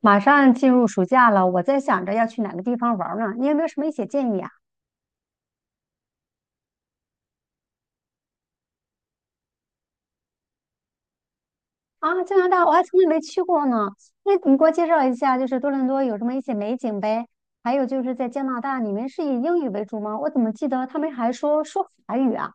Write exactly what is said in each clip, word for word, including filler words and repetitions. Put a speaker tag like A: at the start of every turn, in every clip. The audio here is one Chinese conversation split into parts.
A: 马上进入暑假了，我在想着要去哪个地方玩儿呢？你有没有什么一些建议啊？啊，加拿大我还从来没去过呢，那你给我介绍一下，就是多伦多有什么一些美景呗？还有就是在加拿大，你们是以英语为主吗？我怎么记得他们还说说法语啊？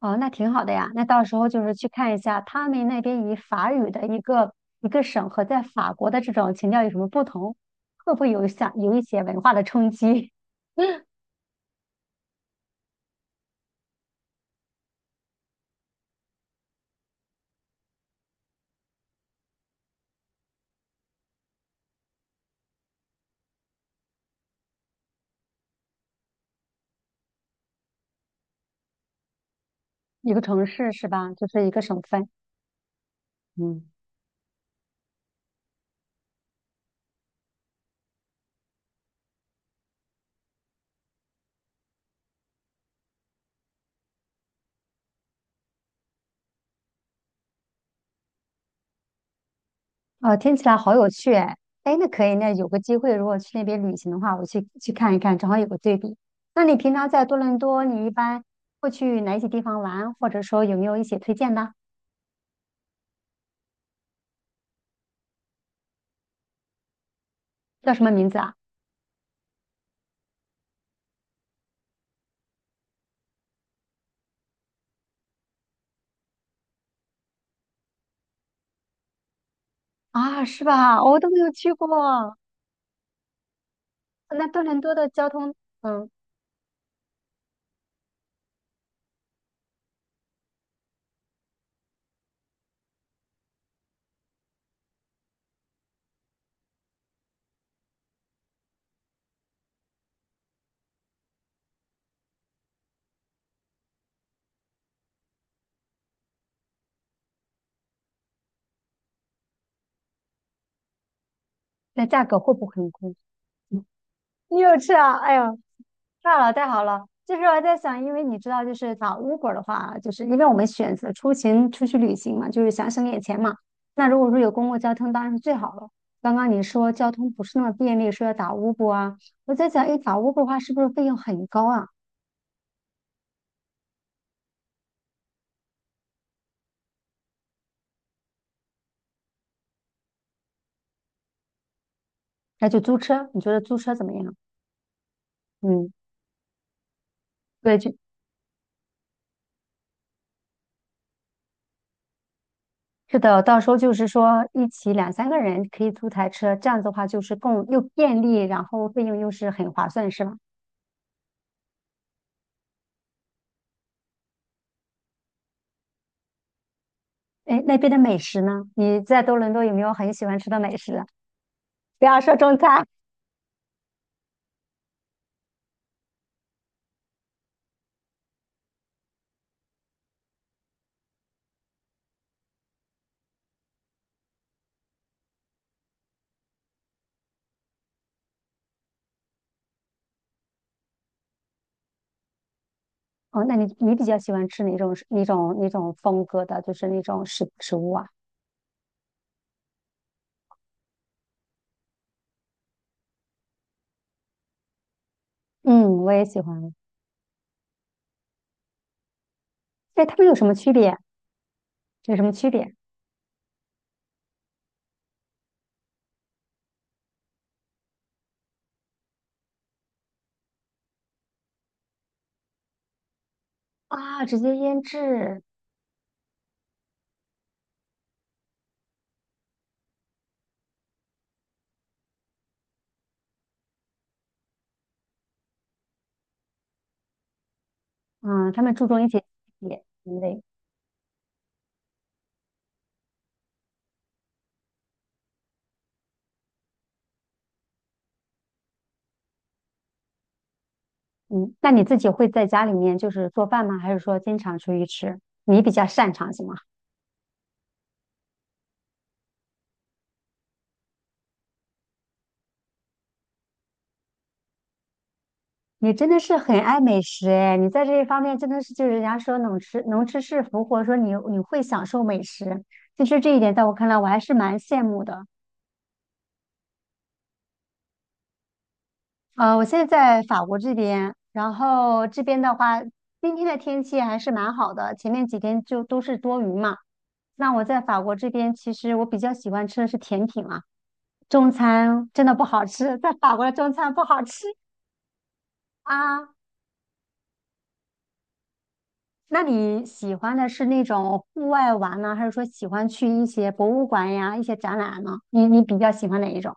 A: 哦，那挺好的呀，那到时候就是去看一下他们那边以法语的一个一个省和在法国的这种情调有什么不同，会不会有想有一些文化的冲击？一个城市是吧？就是一个省份，嗯。哦，听起来好有趣哎！哎，那可以，那有个机会，如果去那边旅行的话，我去去看一看，正好有个对比。那你平常在多伦多，你一般会去哪些地方玩，或者说有没有一些推荐的？叫什么名字啊？啊，是吧？我都没有去过。那多伦多的交通，嗯，那价格会不会很贵？嗯，你有去啊？哎呦，太好了，太好了！就是我在想，因为你知道，就是打 Uber 的话，就是因为我们选择出行出去旅行嘛，就是想省点钱嘛。那如果说有公共交通，当然是最好了。刚刚你说交通不是那么便利，说要打 Uber 啊，我在想，哎，打 Uber 的话是不是费用很高啊？那就租车，你觉得租车怎么样？嗯，对，就是的，到时候就是说一起两三个人可以租台车，这样子的话就是更又便利，然后费用又是很划算，是吧？哎，那边的美食呢？你在多伦多有没有很喜欢吃的美食啊？不要说中餐。哦，那你你比较喜欢吃哪种哪种哪种风格的，就是那种食食物啊？嗯，我也喜欢。哎，他们有什么区别？有什么区别啊？直接腌制。嗯，他们注重一些细节品类。嗯，那你自己会在家里面就是做饭吗？还是说经常出去吃？你比较擅长什么？你真的是很爱美食哎，你在这一方面真的是就是人家说能吃能吃是福，或者说你你会享受美食，其实这一点在我看来我还是蛮羡慕的。呃，我现在在法国这边，然后这边的话，今天的天气还是蛮好的，前面几天就都是多云嘛。那我在法国这边，其实我比较喜欢吃的是甜品啊，中餐真的不好吃，在法国的中餐不好吃啊。那你喜欢的是那种户外玩呢，还是说喜欢去一些博物馆呀、一些展览呢？你你比较喜欢哪一种？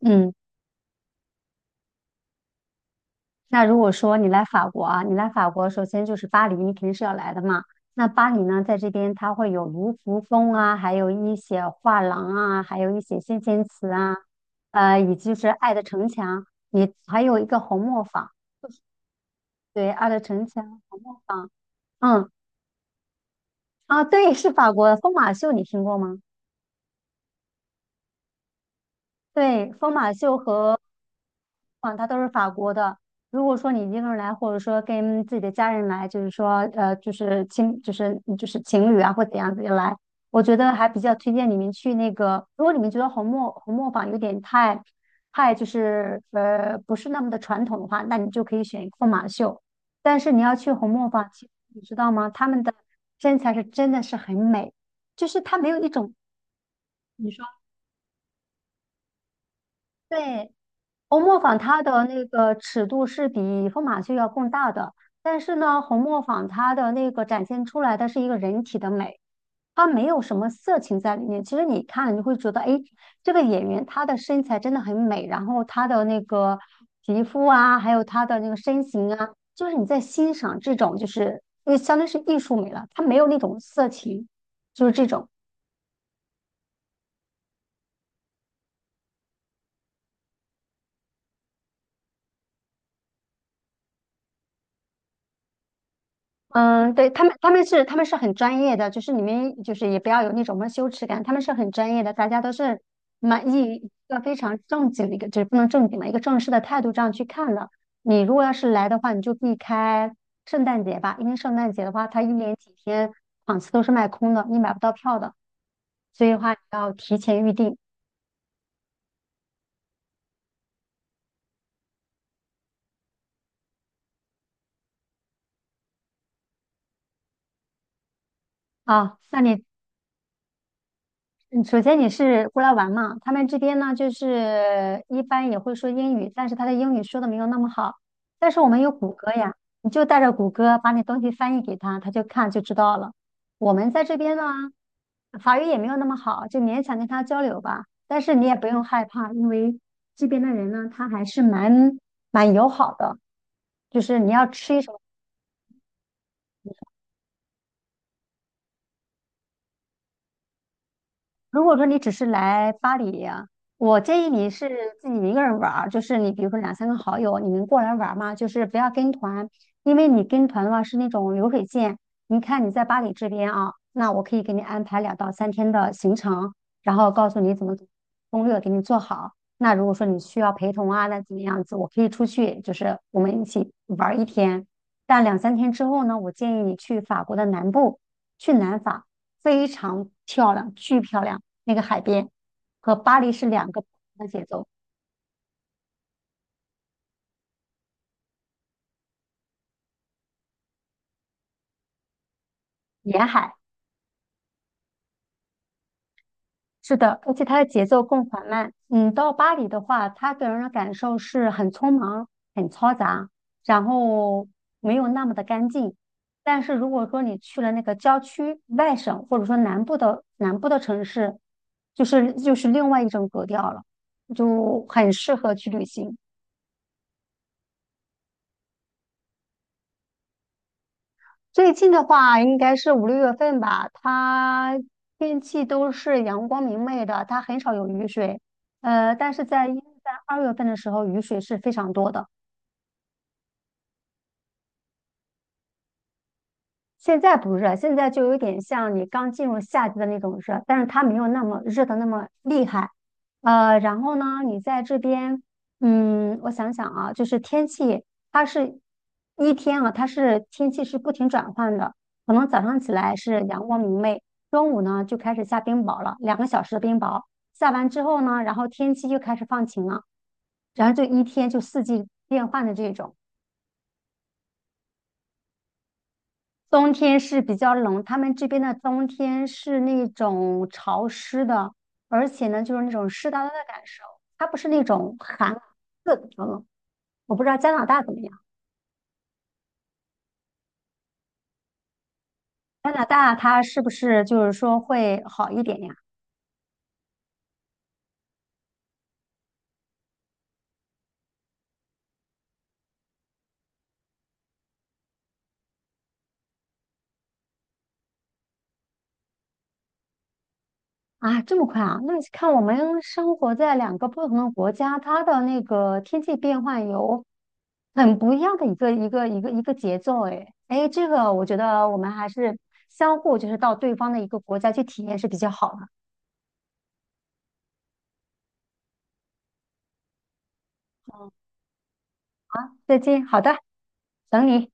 A: 嗯，那如果说你来法国啊，你来法国，首先就是巴黎，你肯定是要来的嘛。那巴黎呢，在这边它会有卢浮宫啊，还有一些画廊啊，还有一些先贤祠啊，呃，以及是爱的城墙，你还有一个红磨坊，对，爱的城墙、红磨坊，嗯，啊，对，是法国的疯马秀，你听过吗？对，疯马秀和嗯，它都是法国的。如果说你一个人来，或者说跟自己的家人来，就是说，呃，就是亲，就是就是情侣啊，或怎样子来，我觉得还比较推荐你们去那个。如果你们觉得红磨红磨坊有点太太就是呃不是那么的传统的话，那你就可以选疯马秀。但是你要去红磨坊，其实你知道吗？他们的身材是真的是很美，就是他没有一种你说对。红磨坊它的那个尺度是比疯马秀要更大的，但是呢，红磨坊它的那个展现出来的是一个人体的美，它没有什么色情在里面。其实你看了你会觉得，哎，这个演员她的身材真的很美，然后她的那个皮肤啊，还有她的那个身形啊，就是你在欣赏这种，就是因为相当于是艺术美了，它没有那种色情，就是这种。嗯，对，他们，他们是他们是很专业的，就是你们就是也不要有那种什么羞耻感，他们是很专业的，大家都是满意一个非常正经的一个，就是不能正经嘛，一个正式的态度这样去看的。你如果要是来的话，你就避开圣诞节吧，因为圣诞节的话，它一连几天场次都是卖空的，你买不到票的，所以的话你要提前预定啊。那你嗯，首先你是过来玩嘛，他们这边呢，就是一般也会说英语，但是他的英语说的没有那么好。但是我们有谷歌呀，你就带着谷歌把你东西翻译给他，他就看就知道了。我们在这边呢，法语也没有那么好，就勉强跟他交流吧。但是你也不用害怕，因为这边的人呢，他还是蛮蛮友好的。就是你要吃一手。如果说你只是来巴黎啊，我建议你是自己一个人玩儿，就是你比如说两三个好友，你们过来玩儿嘛，就是不要跟团，因为你跟团的话是那种流水线。你看你在巴黎这边啊，那我可以给你安排两到三天的行程，然后告诉你怎么攻略给你做好。那如果说你需要陪同啊，那怎么样子，我可以出去，就是我们一起玩儿一天。但两三天之后呢，我建议你去法国的南部，去南法，非常漂亮，巨漂亮。那个海边，和巴黎是两个不同的节奏。沿海是的，而且它的节奏更缓慢。嗯，到巴黎的话，它给人的感受是很匆忙、很嘈杂，然后没有那么的干净。但是如果说你去了那个郊区、外省或者说南部的南部的城市，就是就是另外一种格调了，就很适合去旅行。最近的话，应该是五六月份吧，它天气都是阳光明媚的，它很少有雨水。呃，但是在一在二月份的时候，雨水是非常多的。现在不热，现在就有点像你刚进入夏季的那种热，但是它没有那么热的那么厉害。呃，然后呢，你在这边，嗯，我想想啊，就是天气，它是一天啊，它是天气是不停转换的，可能早上起来是阳光明媚，中午呢就开始下冰雹了，两个小时的冰雹，下完之后呢，然后天气又开始放晴了，然后就一天就四季变换的这种。冬天是比较冷，他们这边的冬天是那种潮湿的，而且呢，就是那种湿哒哒的感受，它不是那种寒刺骨的冷。我不知道加拿大怎么样，加拿大它是不是就是说会好一点呀？啊，这么快啊？那看我们生活在两个不同的国家，它的那个天气变换有很不一样的一个一个一个一个节奏诶，哎哎，这个我觉得我们还是相互就是到对方的一个国家去体验是比较好的。再见，好的，等你。